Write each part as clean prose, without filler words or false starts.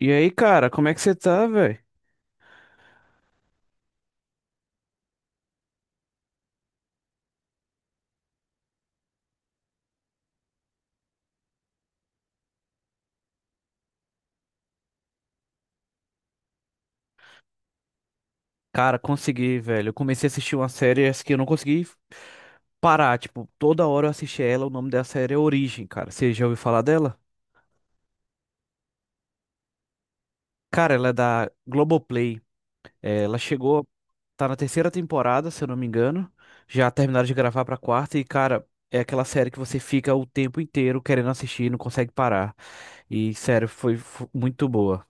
E aí, cara, como é que você tá, velho? Cara, consegui, velho. Eu comecei a assistir uma série essa que eu não consegui parar. Tipo, toda hora eu assisti ela. O nome da série é Origem, cara. Você já ouviu falar dela? Cara, ela é da Globoplay. É, ela chegou, tá na terceira temporada, se eu não me engano. Já terminaram de gravar pra quarta. E, cara, é aquela série que você fica o tempo inteiro querendo assistir e não consegue parar. E, sério, foi muito boa.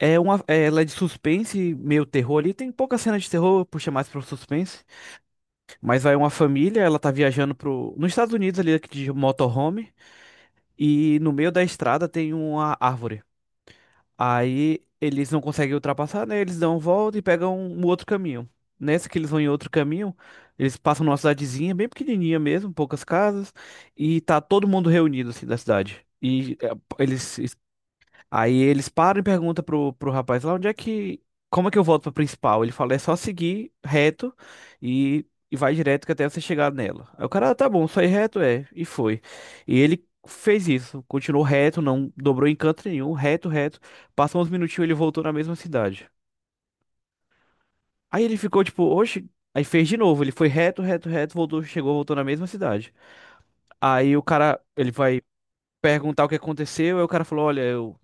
Ela é de suspense, meio terror ali. Tem pouca cena de terror, puxa mais pro suspense. Mas vai uma família, ela tá viajando nos Estados Unidos ali de motorhome e no meio da estrada tem uma árvore. Aí eles não conseguem ultrapassar, né? Eles dão uma volta e pegam um outro caminho. Nessa que eles vão em outro caminho, eles passam numa cidadezinha bem pequenininha mesmo, poucas casas, e tá todo mundo reunido assim da cidade. E é, eles Aí eles param e perguntam pro rapaz lá onde é que. Como é que eu volto pra principal? Ele fala, é só seguir reto e, e vai direto que até você chegar nela. Aí o cara, "Ah, tá bom, só ir reto é. E foi. E ele fez isso, continuou reto, não dobrou em canto nenhum, reto, reto. Passou uns minutinhos, ele voltou na mesma cidade. Aí ele ficou tipo, oxe. Aí fez de novo, ele foi reto, reto, reto, voltou, chegou, voltou na mesma cidade. Aí o cara, ele vai perguntar o que aconteceu, aí o cara falou, olha, eu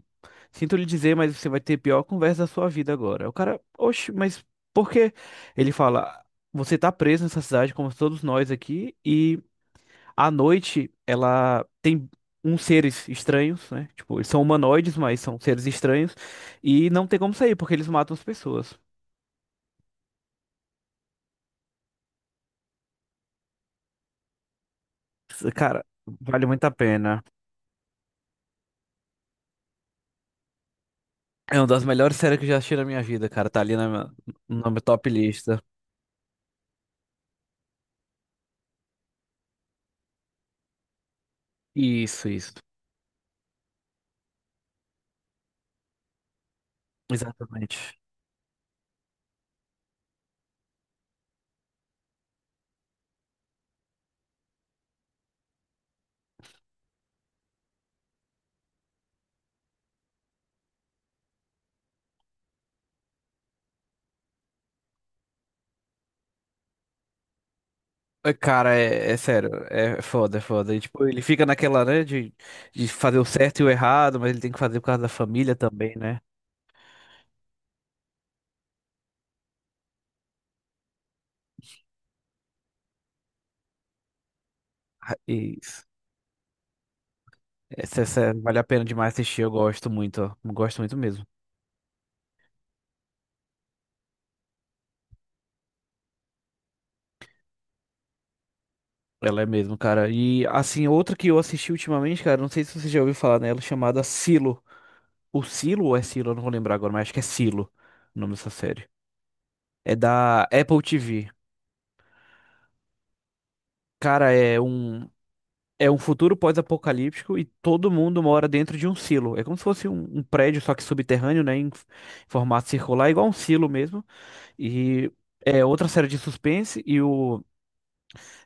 sinto lhe dizer, mas você vai ter a pior conversa da sua vida agora. O cara, oxe, mas por quê? Ele fala, você tá preso nessa cidade, como todos nós aqui, e à noite ela tem uns seres estranhos, né? Tipo, eles são humanoides, mas são seres estranhos, e não tem como sair, porque eles matam as pessoas. Cara, vale muito a pena. É uma das melhores séries que eu já assisti na minha vida, cara. Tá ali na minha top lista. Isso, isso. Exatamente. É, cara, é sério, é foda, é foda. E, tipo, ele fica naquela, né, de fazer o certo e o errado, mas ele tem que fazer por causa da família também, né? E vale a pena demais assistir, eu gosto muito, ó. Gosto muito mesmo. Ela é mesmo, cara. E, assim, outra que eu assisti ultimamente, cara, não sei se você já ouviu falar nela, chamada Silo. O Silo ou é Silo? Eu não vou lembrar agora, mas acho que é Silo o nome dessa série. É da Apple TV. Cara, é um. É um futuro pós-apocalíptico e todo mundo mora dentro de um silo. É como se fosse um prédio, só que subterrâneo, né? Em formato circular, igual um silo mesmo. E é outra série de suspense e o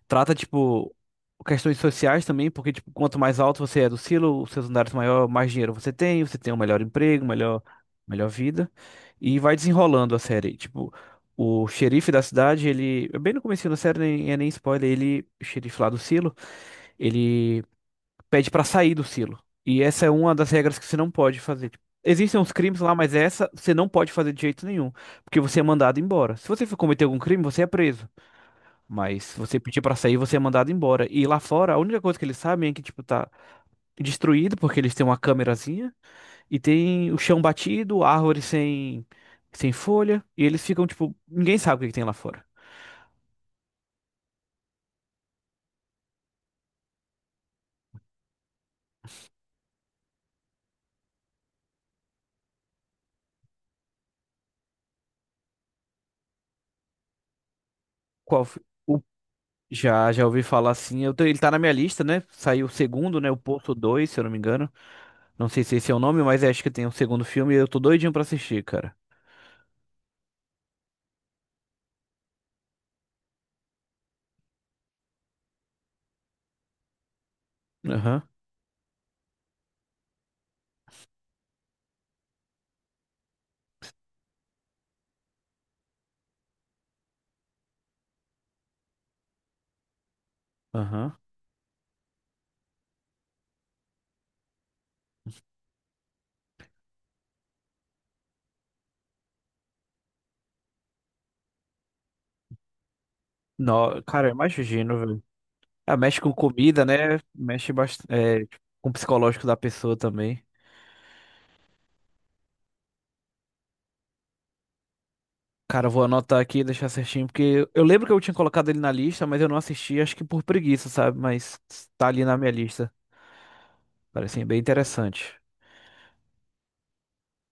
trata, tipo, questões sociais também, porque, tipo, quanto mais alto você é do silo, os seus andares maior, mais dinheiro você tem um melhor emprego, melhor vida. E vai desenrolando a série. Tipo, o xerife da cidade, ele. Bem no comecinho da série, nem é nem spoiler, ele, o xerife lá do silo. Ele pede pra sair do silo. E essa é uma das regras que você não pode fazer. Tipo, existem uns crimes lá, mas essa você não pode fazer de jeito nenhum, porque você é mandado embora. Se você for cometer algum crime, você é preso. Mas se você pedir pra sair, você é mandado embora. E lá fora, a única coisa que eles sabem é que tipo tá destruído porque eles têm uma câmerazinha e tem o chão batido, árvore sem folha, e eles ficam tipo, ninguém sabe o que que tem lá fora. Qual f- o- já já ouvi falar assim, eu ele tá na minha lista, né? Saiu o segundo, né? O Poço 2 se eu não me engano. Não sei se esse é o nome, mas acho que tem um segundo filme e eu tô doidinho pra assistir, cara. Aham, aham. Não, cara, eu imagino, velho. Ah, mexe com comida, né? Mexe bastante, com o psicológico da pessoa também. Cara, eu vou anotar aqui e deixar certinho, porque eu lembro que eu tinha colocado ele na lista, mas eu não assisti, acho que por preguiça, sabe? Mas tá ali na minha lista. Parece bem interessante.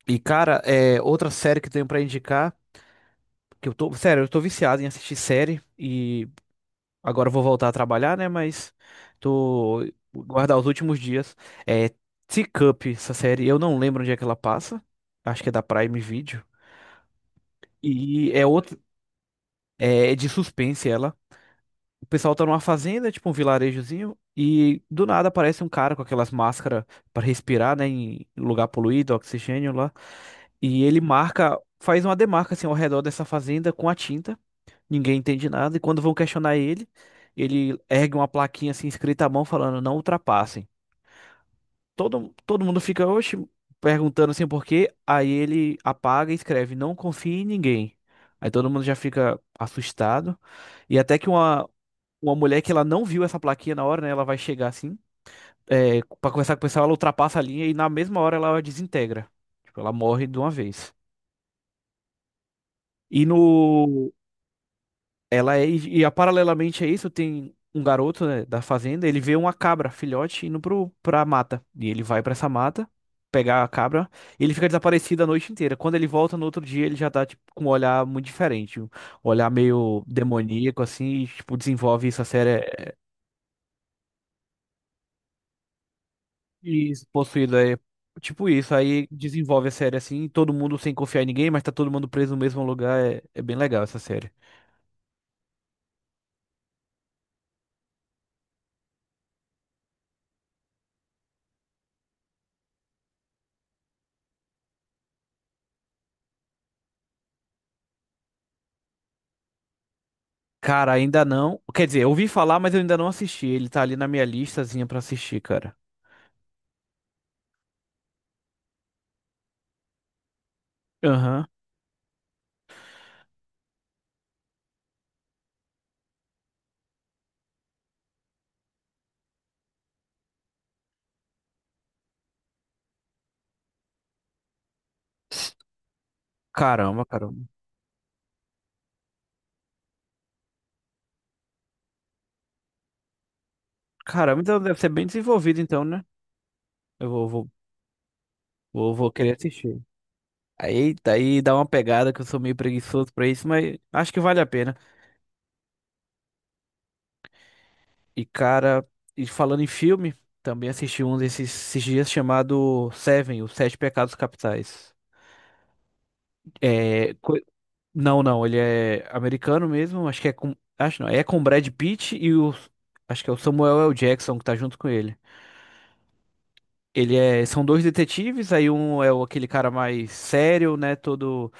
E, cara, outra série que eu tenho pra indicar, que eu tô, sério, eu tô viciado em assistir série e agora eu vou voltar a trabalhar, né? Mas tô guardar os últimos dias. É Teacup, essa série. Eu não lembro onde é que ela passa. Acho que é da Prime Video. E é outro, é de suspense ela. O pessoal tá numa fazenda, tipo um vilarejozinho, e do nada aparece um cara com aquelas máscaras para respirar, né, em lugar poluído, oxigênio lá. E ele marca, faz uma demarca assim ao redor dessa fazenda com a tinta. Ninguém entende nada, e quando vão questionar ele, ele ergue uma plaquinha assim escrita à mão falando, não ultrapassem. Todo mundo fica, oxe, perguntando assim por quê, aí ele apaga e escreve, não confie em ninguém. Aí todo mundo já fica assustado, e até que uma mulher que ela não viu essa plaquinha na hora, né, ela vai chegar assim, é, pra conversar com o pessoal, ela ultrapassa a linha e na mesma hora ela desintegra. Tipo, ela morre de uma vez. E no, Ela é, e, a- Paralelamente a isso, tem um garoto, né, da fazenda, ele vê uma cabra, filhote, indo pra mata. E ele vai pra essa mata, pegar a cabra, e ele fica desaparecido a noite inteira. Quando ele volta no outro dia, ele já tá, tipo, com um olhar muito diferente. Um olhar meio demoníaco, assim, e, tipo, desenvolve isso, a série e possuído é tipo isso. Aí desenvolve a série assim, todo mundo sem confiar em ninguém, mas tá todo mundo preso no mesmo lugar. É bem legal essa série. Cara, ainda não. Quer dizer, eu ouvi falar, mas eu ainda não assisti. Ele tá ali na minha listazinha pra assistir, cara. Aham. Caramba, caramba. Caramba, então deve ser bem desenvolvido, então, né? Eu vou querer assistir. Aí dá uma pegada que eu sou meio preguiçoso pra isso, mas acho que vale a pena. E, cara, e falando em filme, também assisti um desses esses dias chamado Seven, Os Sete Pecados Capitais. É, co- Não, não, ele é americano mesmo, acho que é com, acho não, é com o Brad Pitt e o, acho que é o Samuel L. Jackson que tá junto com ele. Ele é, são dois detetives, aí um é aquele cara mais sério, né, todo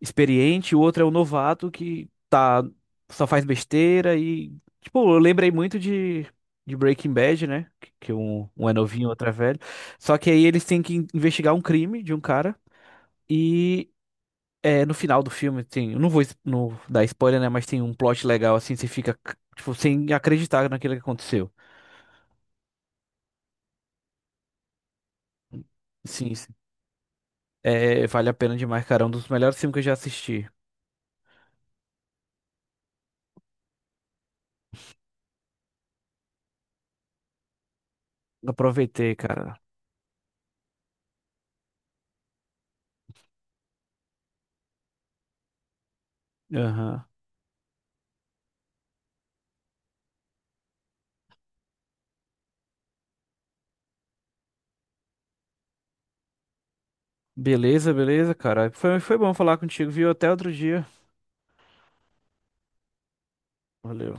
experiente, o outro é o novato que tá, só faz besteira e, tipo, eu lembrei muito de, Breaking Bad, né, que um é novinho, outro é velho, só que aí eles têm que investigar um crime de um cara e no final do filme tem, eu não vou não dar spoiler, né, mas tem um plot legal assim, você fica tipo sem acreditar naquilo que aconteceu. Sim, sim. É, vale a pena demais, cara, é um dos melhores filmes que eu já assisti. Aproveitei, cara. Aham. Beleza, beleza, cara. Foi bom falar contigo, viu? Até outro dia. Valeu.